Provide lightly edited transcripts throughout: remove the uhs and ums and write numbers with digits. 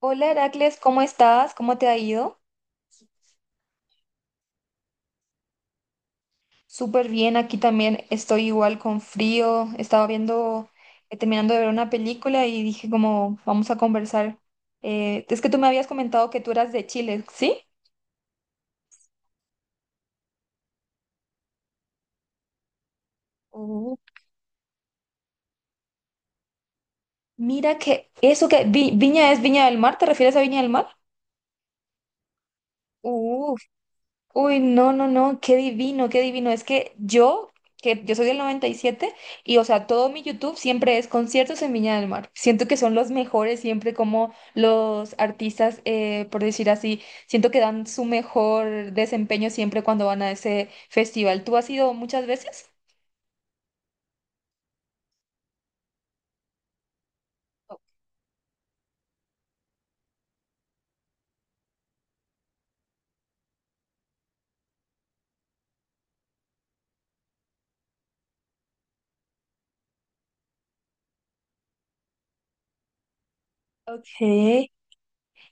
Hola Heracles, ¿cómo estás? ¿Cómo te ha ido? Súper bien, aquí también estoy igual con frío. Estaba viendo, terminando de ver una película y dije como, vamos a conversar. Es que tú me habías comentado que tú eras de Chile, ¿sí? Uh, Mira que eso que Viña es Viña del Mar, ¿te refieres a Viña del Mar? Uh, Uy, no, no, no, qué divino, qué divino. Que yo soy del 97 o sea, todo mi YouTube siempre es conciertos en Viña del Mar. Siento que son los mejores siempre como los artistas, por decir así, siento que dan su mejor desempeño siempre cuando van a ese festival. ¿Tú has ido muchas veces? Ok.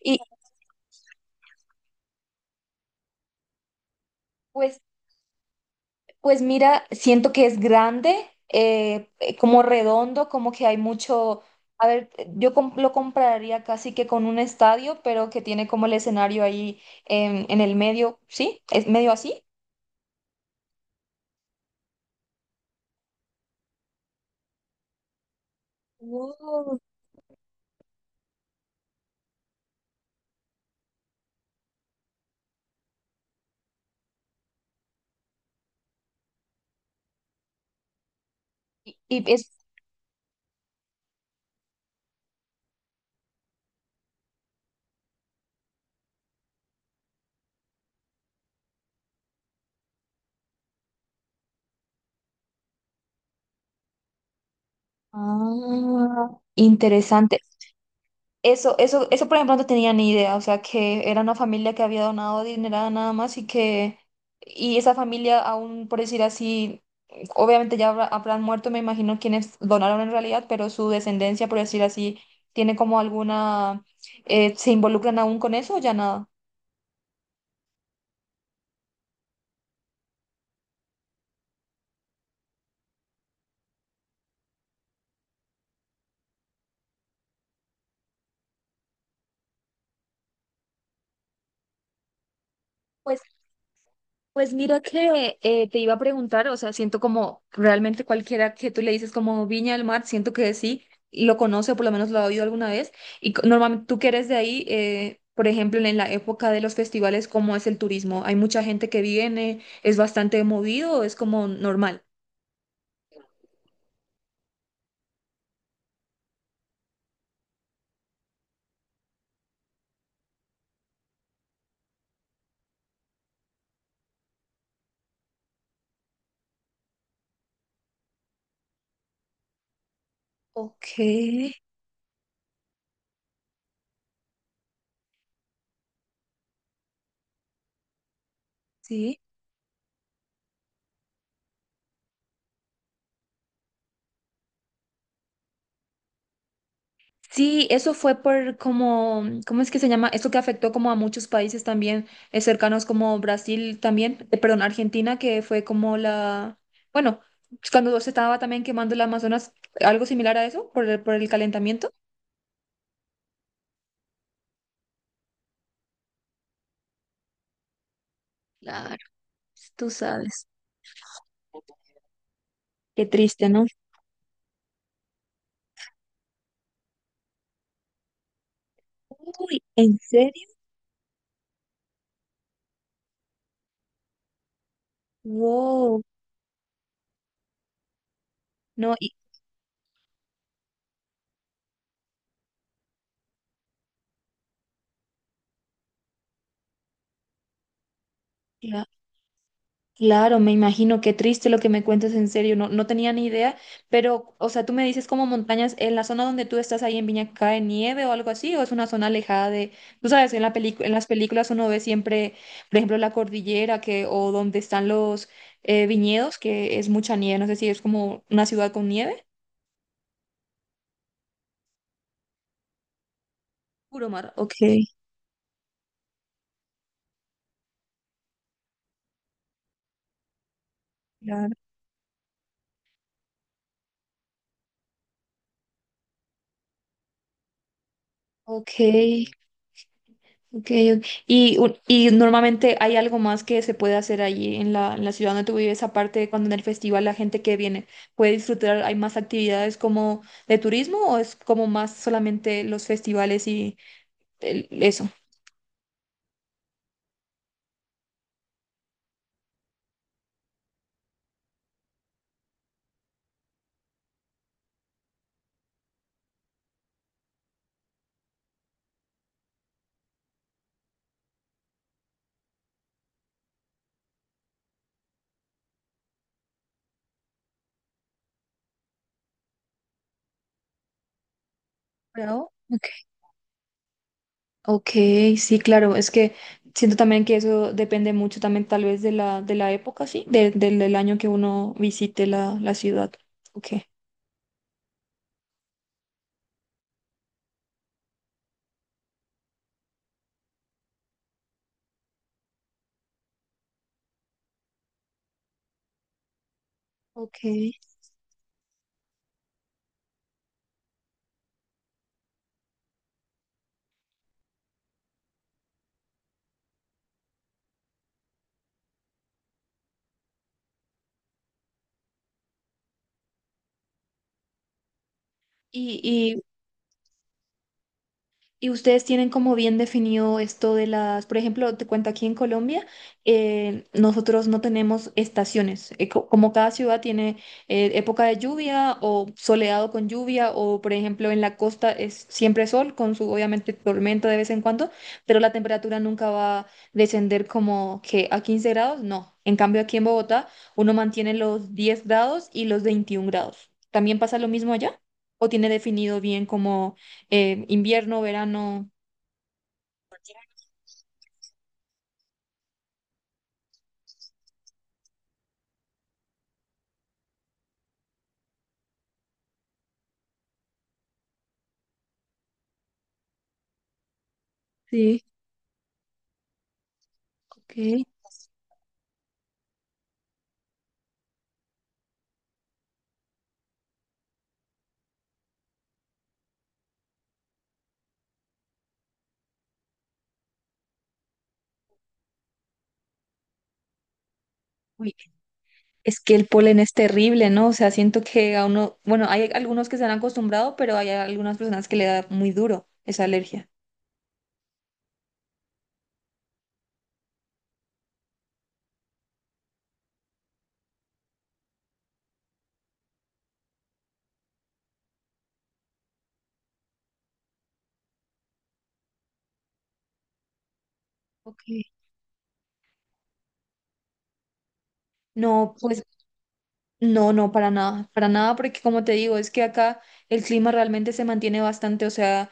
Y pues Pues mira, siento que es grande, como redondo, como que hay mucho, a ver, lo compraría casi que con un estadio, pero que tiene como el escenario ahí en el medio, ¿sí? Es medio así. Wow. Y es ah, interesante. Eso, por ejemplo, no tenía ni idea, o sea, que era una familia que había donado dinero nada más y esa familia aún, por decir así, obviamente ya habrán muerto, me imagino, quienes donaron en realidad, pero su descendencia, por decir así, tiene como alguna, ¿se involucran aún con eso o ya nada? Pues mira que te iba a preguntar, o sea, siento como realmente cualquiera que tú le dices como Viña del Mar, siento que sí, lo conoce, por lo menos lo ha oído alguna vez. Normalmente tú que eres de ahí, por ejemplo, en la época de los festivales, ¿cómo es el turismo? ¿Hay mucha gente que viene? ¿Es bastante movido o es como normal? Ok, sí. Sí, eso fue por como, ¿cómo es que se llama? Eso que afectó como a muchos países también cercanos como Brasil también, perdón, Argentina, que fue como la, bueno, cuando se estaba también quemando el Amazonas, algo similar a eso, por el calentamiento. Claro, tú sabes. Qué triste, ¿no? Uy, ¿en serio? Wow. No, y, claro, me imagino, qué triste lo que me cuentas en serio, no, no tenía ni idea, pero, o sea, tú me dices como montañas, en la zona donde tú estás ahí en Viña cae nieve o algo así, o es una zona alejada de, tú sabes, en la en las películas uno ve siempre, por ejemplo, la cordillera que, o donde están los viñedos, que es mucha nieve, no sé si es como una ciudad con nieve. Puro mar. Ok, claro. Ok, ok, ok. Y normalmente hay algo más que se puede hacer allí en la ciudad donde tú vives, aparte de cuando en el festival la gente que viene puede disfrutar, hay más actividades como de turismo o es como más solamente los festivales y eso. Pero, ok, ok, sí, claro, es que siento también que eso depende mucho también tal vez de la época, sí, del año que uno visite la, la ciudad. Ok. Ok. Y, Y ustedes tienen como bien definido esto de las, por ejemplo, te cuento aquí en Colombia, nosotros no tenemos estaciones, como cada ciudad tiene época de lluvia o soleado con lluvia o por ejemplo en la costa es siempre sol con su obviamente tormenta de vez en cuando, pero la temperatura nunca va a descender como que a 15 grados, no. En cambio aquí en Bogotá uno mantiene los 10 grados y los 21 grados. ¿También pasa lo mismo allá? ¿O tiene definido bien como invierno, verano? Sí, ok. Uy, es que el polen es terrible, ¿no? O sea, siento que a uno, bueno, hay algunos que se han acostumbrado, pero hay algunas personas que le da muy duro esa alergia. Ok. No, pues no, no, para nada, porque como te digo, es que acá el clima realmente se mantiene bastante, o sea...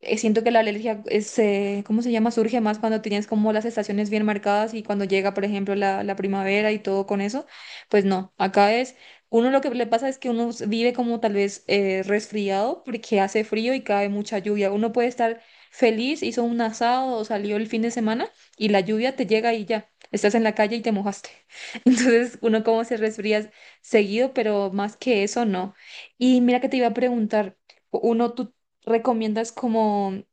Siento que la alergia es, ¿cómo se llama? Surge más cuando tienes como las estaciones bien marcadas y cuando llega, por ejemplo, la primavera y todo con eso. Pues no, acá es, uno lo que le pasa es que vive como tal vez resfriado porque hace frío y cae mucha lluvia. Uno puede estar feliz, hizo un asado o salió el fin de semana y la lluvia te llega y ya, estás en la calle y te mojaste. Entonces uno como se resfría seguido, pero más que eso no. Y mira que te iba a preguntar. Uno, tú ¿Recomiendas como un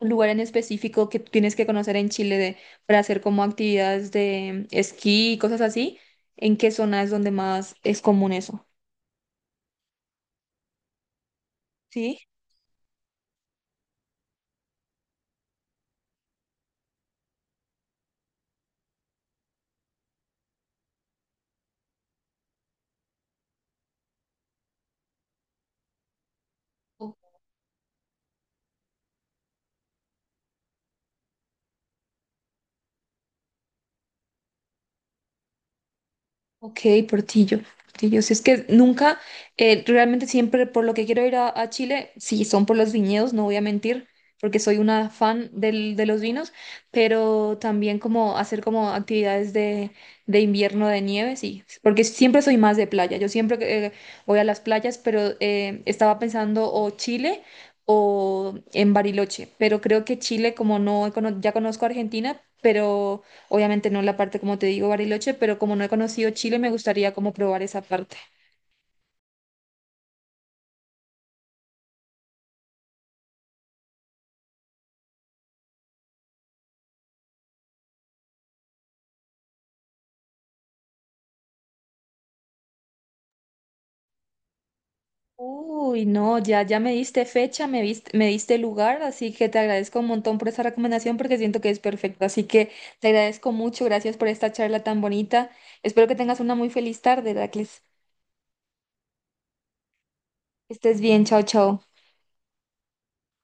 lugar en específico que tienes que conocer en Chile para hacer como actividades de esquí y cosas así? ¿En qué zona es donde más es común eso? Sí. Ok, Portillo, Portillo. Si es que nunca, realmente siempre por lo que quiero ir a Chile, sí, son por los viñedos, no voy a mentir, porque soy una fan de los vinos, pero también como hacer como actividades de invierno de nieve, sí, porque siempre soy más de playa. Yo siempre eh, voy a las playas, pero estaba pensando o Chile o en Bariloche, pero creo que Chile, como no, ya conozco Argentina, pero obviamente no la parte, como te digo, Bariloche, pero como no he conocido Chile, me gustaría como probar esa parte. Uy, no, ya, ya me diste fecha, me diste lugar, así que te agradezco un montón por esa recomendación porque siento que es perfecto. Así que te agradezco mucho, gracias por esta charla tan bonita. Espero que tengas una muy feliz tarde, Heracles. Que estés bien, chao, chao.